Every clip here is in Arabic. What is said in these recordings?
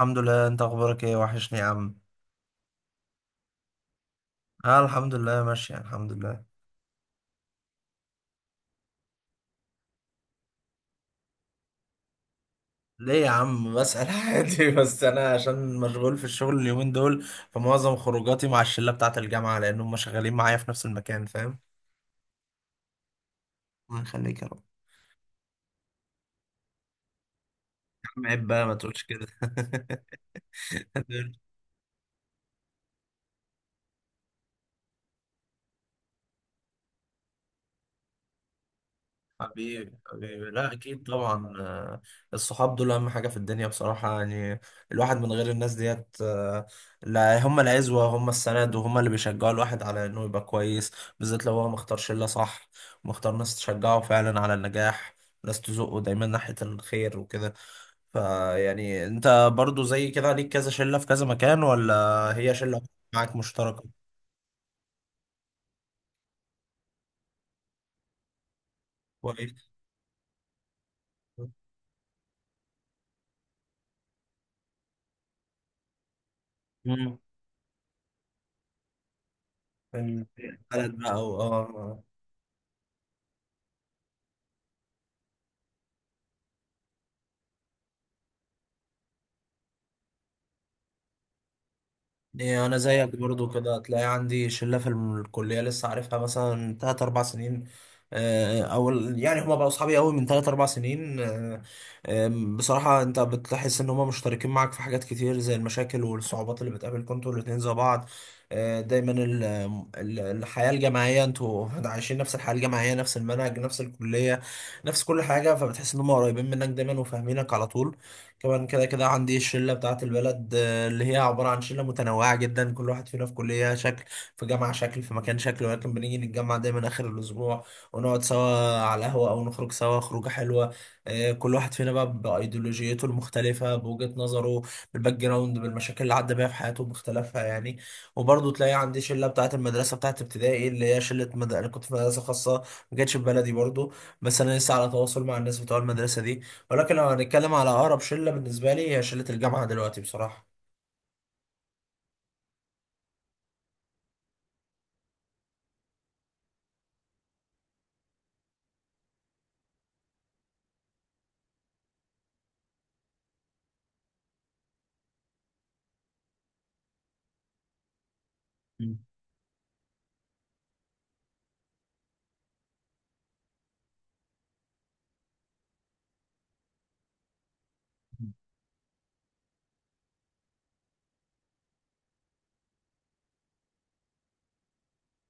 الحمد لله، انت اخبارك ايه؟ وحشني يا عم. اه، الحمد لله، ماشي الحمد لله. ليه يا عم؟ بسأل عادي. بس انا عشان مشغول في الشغل اليومين دول، فمعظم خروجاتي مع الشلة بتاعت الجامعة، لان هم شغالين معايا في نفس المكان، فاهم؟ الله يخليك يا رب. يا عم، عيب بقى، ما تقولش كده. دول. حبيبي حبيبي، لا اكيد طبعا، الصحاب دول اهم حاجه في الدنيا بصراحه، يعني الواحد من غير الناس ديت، لا، هم العزوه، هم السند، وهم اللي بيشجعوا الواحد على انه يبقى كويس، بالذات لو هو مختار شله صح، مختار ناس تشجعه فعلا على النجاح، ناس تزقه دايما ناحيه الخير وكده. فيعني انت برضو زي كده، ليك كذا شله في كذا مكان ولا؟ هي شله معاك مشتركه؟ كويس. مم. البلد بقى اه إيه، انا زيك برضو كده، هتلاقي عندي شله في الكليه لسه عارفها مثلا تلات اربع سنين. او يعني هما بقوا اصحابي قوي من تلات اربع سنين. بصراحه انت بتحس ان هما مشتركين معاك في حاجات كتير، زي المشاكل والصعوبات اللي بتقابلكم انتوا الاتنين زي بعض. دايما الحياه الجامعيه، انتوا عايشين نفس الحياه الجامعيه، نفس المنهج، نفس الكليه، نفس كل حاجه، فبتحس ان هما قريبين منك دايما، وفاهمينك على طول. كمان، كده كده، عندي الشله بتاعه البلد، اللي هي عبارة عن شلة متنوعة جدا، كل واحد فينا في كلية شكل، في جامعة شكل، في مكان شكل، ولكن بنيجي نتجمع دايما آخر الأسبوع، ونقعد سوا على القهوة، أو نخرج سوا خروجة حلوة. كل واحد فينا بقى بأيديولوجيته المختلفة، بوجهة نظره، بالباك جراوند، بالمشاكل اللي عدى بيها في حياته باختلافها، يعني. وبرضه تلاقي عندي شلة بتاعة المدرسة، بتاعة ابتدائي، اللي هي شلة أنا كنت في مدرسة خاصة، ما كانتش في بلدي برضه، بس أنا لسه على تواصل مع الناس بتوع المدرسة دي. ولكن لو هنتكلم على أقرب شلة بالنسبة لي، هي شلة الجامعة دلوقتي بصراحة. مم.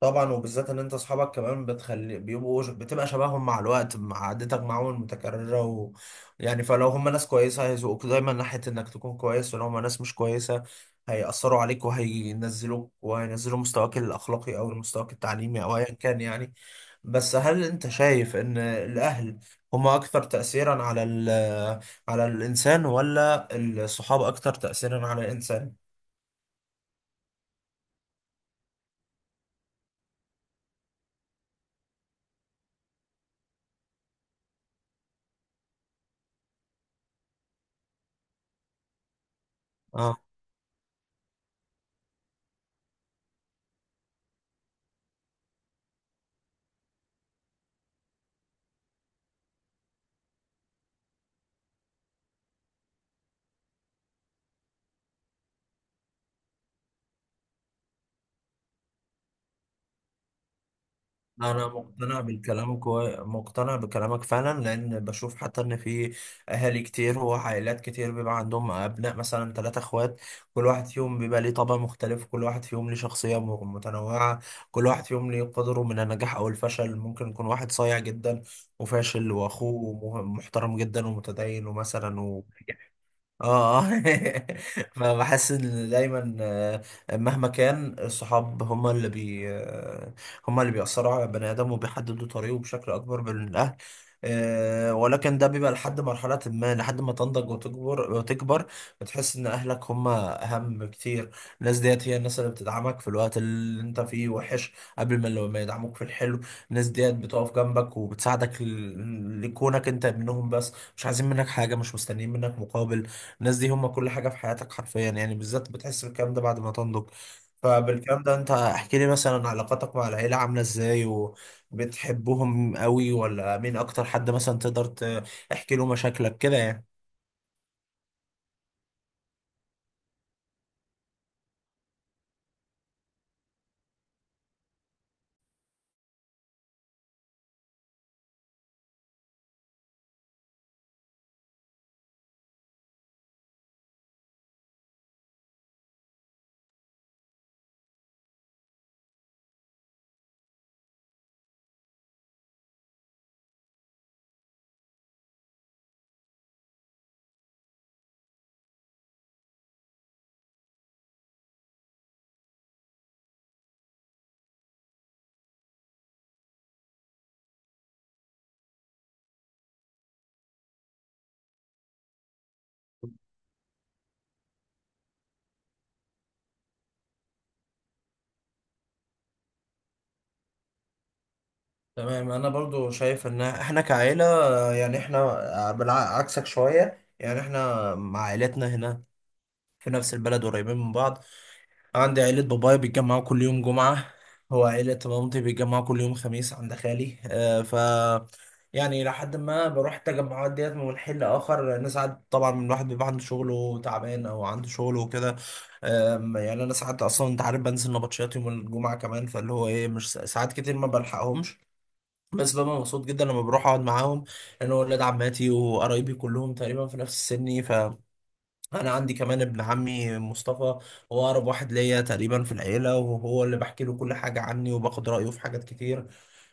طبعا، وبالذات ان انت اصحابك كمان بتخلي بيبقوا بتبقى شبههم مع الوقت، مع عادتك معاهم المتكرره يعني فلو هم ناس كويسه هيزقوك دايما ناحيه انك تكون كويس، ولو هم ناس مش كويسه هيأثروا عليك، وهينزلوك، وهينزلوا مستواك الاخلاقي او مستواك التعليمي او ايا كان، يعني. بس هل انت شايف ان الاهل هم اكثر تأثيرا على على الانسان، ولا الصحاب اكثر تأثيرا على الانسان؟ آه. انا مقتنع بالكلامك مقتنع بكلامك فعلا، لان بشوف حتى ان في اهالي كتير وعائلات كتير بيبقى عندهم ابناء، مثلا ثلاثة اخوات، كل واحد فيهم بيبقى ليه طبع مختلف، كل واحد فيهم ليه شخصية متنوعة كل واحد فيهم ليه قدره من النجاح او الفشل، ممكن يكون واحد صايع جدا وفاشل، واخوه محترم جدا ومتدين ومثلا وناجح. اه اه. فبحس ان دايما، مهما كان الصحاب هما اللي بي آه، هما اللي بيأثروا على البني ادم، وبيحددوا طريقه بشكل اكبر من الاهل. ولكن ده بيبقى لحد مرحلة ما، لحد ما تنضج وتكبر وتكبر، بتحس ان اهلك هما اهم كتير. الناس ديت هي الناس اللي بتدعمك في الوقت اللي انت فيه وحش، قبل ما لما يدعموك في الحلو. الناس ديت بتقف جنبك وبتساعدك لكونك انت منهم، بس مش عايزين منك حاجة، مش مستنيين منك مقابل. الناس دي هم كل حاجة في حياتك حرفيا، يعني بالذات بتحس بالكلام ده بعد ما تنضج. فبالكلام ده، انت احكي لي مثلا، علاقاتك مع العيلة عاملة ازاي؟ وبتحبهم قوي؟ ولا مين اكتر حد مثلا تقدر تحكي له مشاكلك كده، يعني. تمام، انا برضو شايف ان احنا كعيلة، يعني احنا بالعكسك شوية، يعني احنا مع عائلتنا هنا في نفس البلد، قريبين من بعض. عندي عيلة بابايا بيتجمعوا كل يوم جمعة، وعيلة مامتي بيتجمعوا كل يوم خميس عند خالي. آه ف يعني لحد ما بروح التجمعات ديت من حين لآخر، لأن ساعات طبعا الواحد بيبقى عنده شغله تعبان أو عنده شغله وكده. يعني أنا ساعات أصلا، أنت عارف بنزل نبطشيات يوم الجمعة كمان، فاللي هو إيه، مش ساعات كتير ما بلحقهمش، بس ببقى مبسوط جدا لما بروح أقعد معاهم، لأن هو ولاد عماتي وقرايبي كلهم تقريبا في نفس سني. ف انا عندي كمان ابن عمي مصطفى، هو اقرب واحد ليا تقريبا في العيله، وهو اللي بحكي له كل حاجه عني، وباخد رايه في حاجات كتير.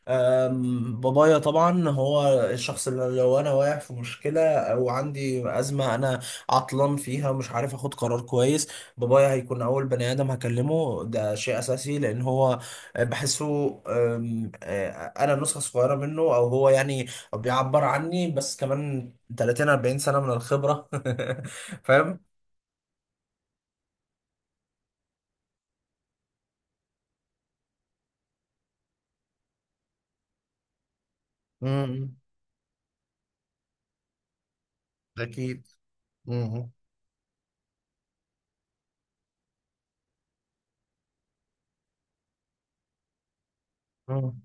بابايا طبعا هو الشخص اللي لو انا واقع في مشكله او عندي ازمه، انا عطلان فيها، مش عارف اخد قرار كويس، بابايا هيكون اول بني ادم هكلمه، ده شيء اساسي، لان هو بحسه. أم، انا نسخه صغيره منه، او هو يعني بيعبر عني، بس كمان 30-40 سنه من الخبره. فاهم؟ امم. اكيد. امم. أمم.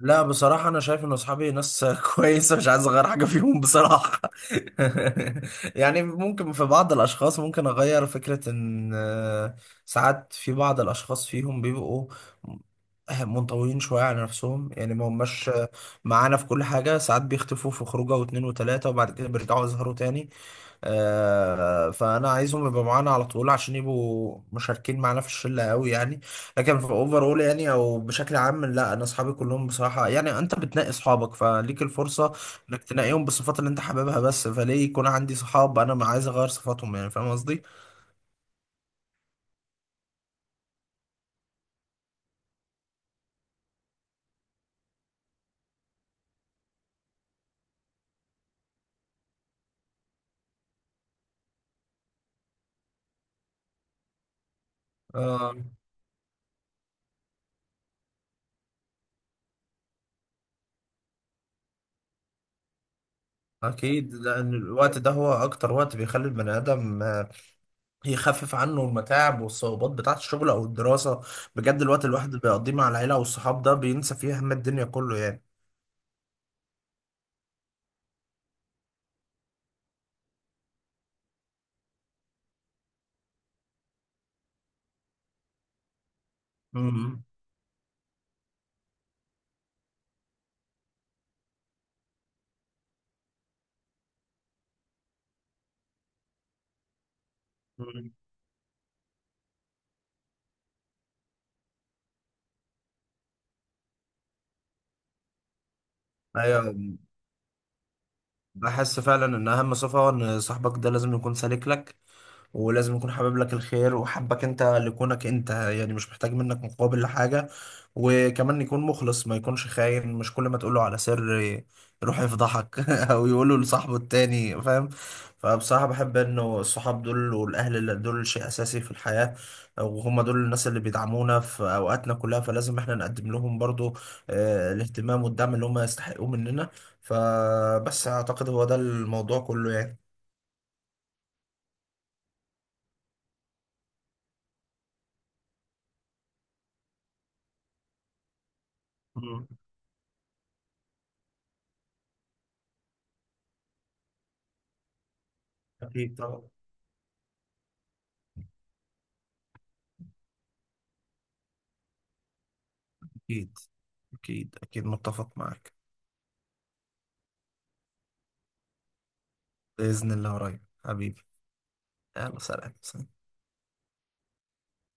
لا بصراحة، أنا شايف إن أصحابي ناس كويسة، مش عايز أغير حاجة فيهم بصراحة. يعني ممكن في بعض الأشخاص ممكن أغير، فكرة إن ساعات في بعض الأشخاص فيهم بيبقوا منطويين شوية على نفسهم، يعني ما هماش معانا في كل حاجة، ساعات بيختفوا في خروجة واتنين وتلاتة وبعد كده بيرجعوا يظهروا تاني. فأنا عايزهم يبقوا معانا على طول، عشان يبقوا مشاركين معانا في الشلة قوي، يعني. لكن في اوفر يعني، او بشكل عام لا، انا اصحابي كلهم بصراحه، يعني انت بتنقي اصحابك، فليك الفرصه انك تنقيهم بالصفات اللي انت حاببها بس، فليه يكون عندي صحاب انا ما عايز اغير صفاتهم، يعني فاهم قصدي؟ آه، اكيد. لان الوقت ده هو اكتر وقت بيخلي البني ادم، يخفف عنه المتاعب والصعوبات بتاعه الشغل او الدراسه. بجد الوقت الواحد اللي بيقضيه مع العيله والصحاب ده، بينسى فيه هم الدنيا كله، يعني. امم. ايوه. بحس فعلا ان اهم صفه ان صاحبك ده لازم يكون سالك لك، ولازم يكون حابب لك الخير، وحبك انت لكونك انت، يعني مش محتاج منك مقابل لحاجة. وكمان يكون مخلص، ما يكونش خاين، مش كل ما تقوله على سر يروح يفضحك او يقوله لصاحبه التاني، فاهم. فبصراحة بحب انه الصحاب دول والاهل اللي دول شيء اساسي في الحياة، وهم دول الناس اللي بيدعمونا في اوقاتنا كلها، فلازم احنا نقدم لهم برضو الاهتمام والدعم اللي هم يستحقوه مننا. فبس اعتقد هو ده الموضوع كله، يعني. مم. أكيد طبعا. أكيد. أكيد أكيد متفق معك. بإذن الله قريب حبيبي. يلا، سلام سلام.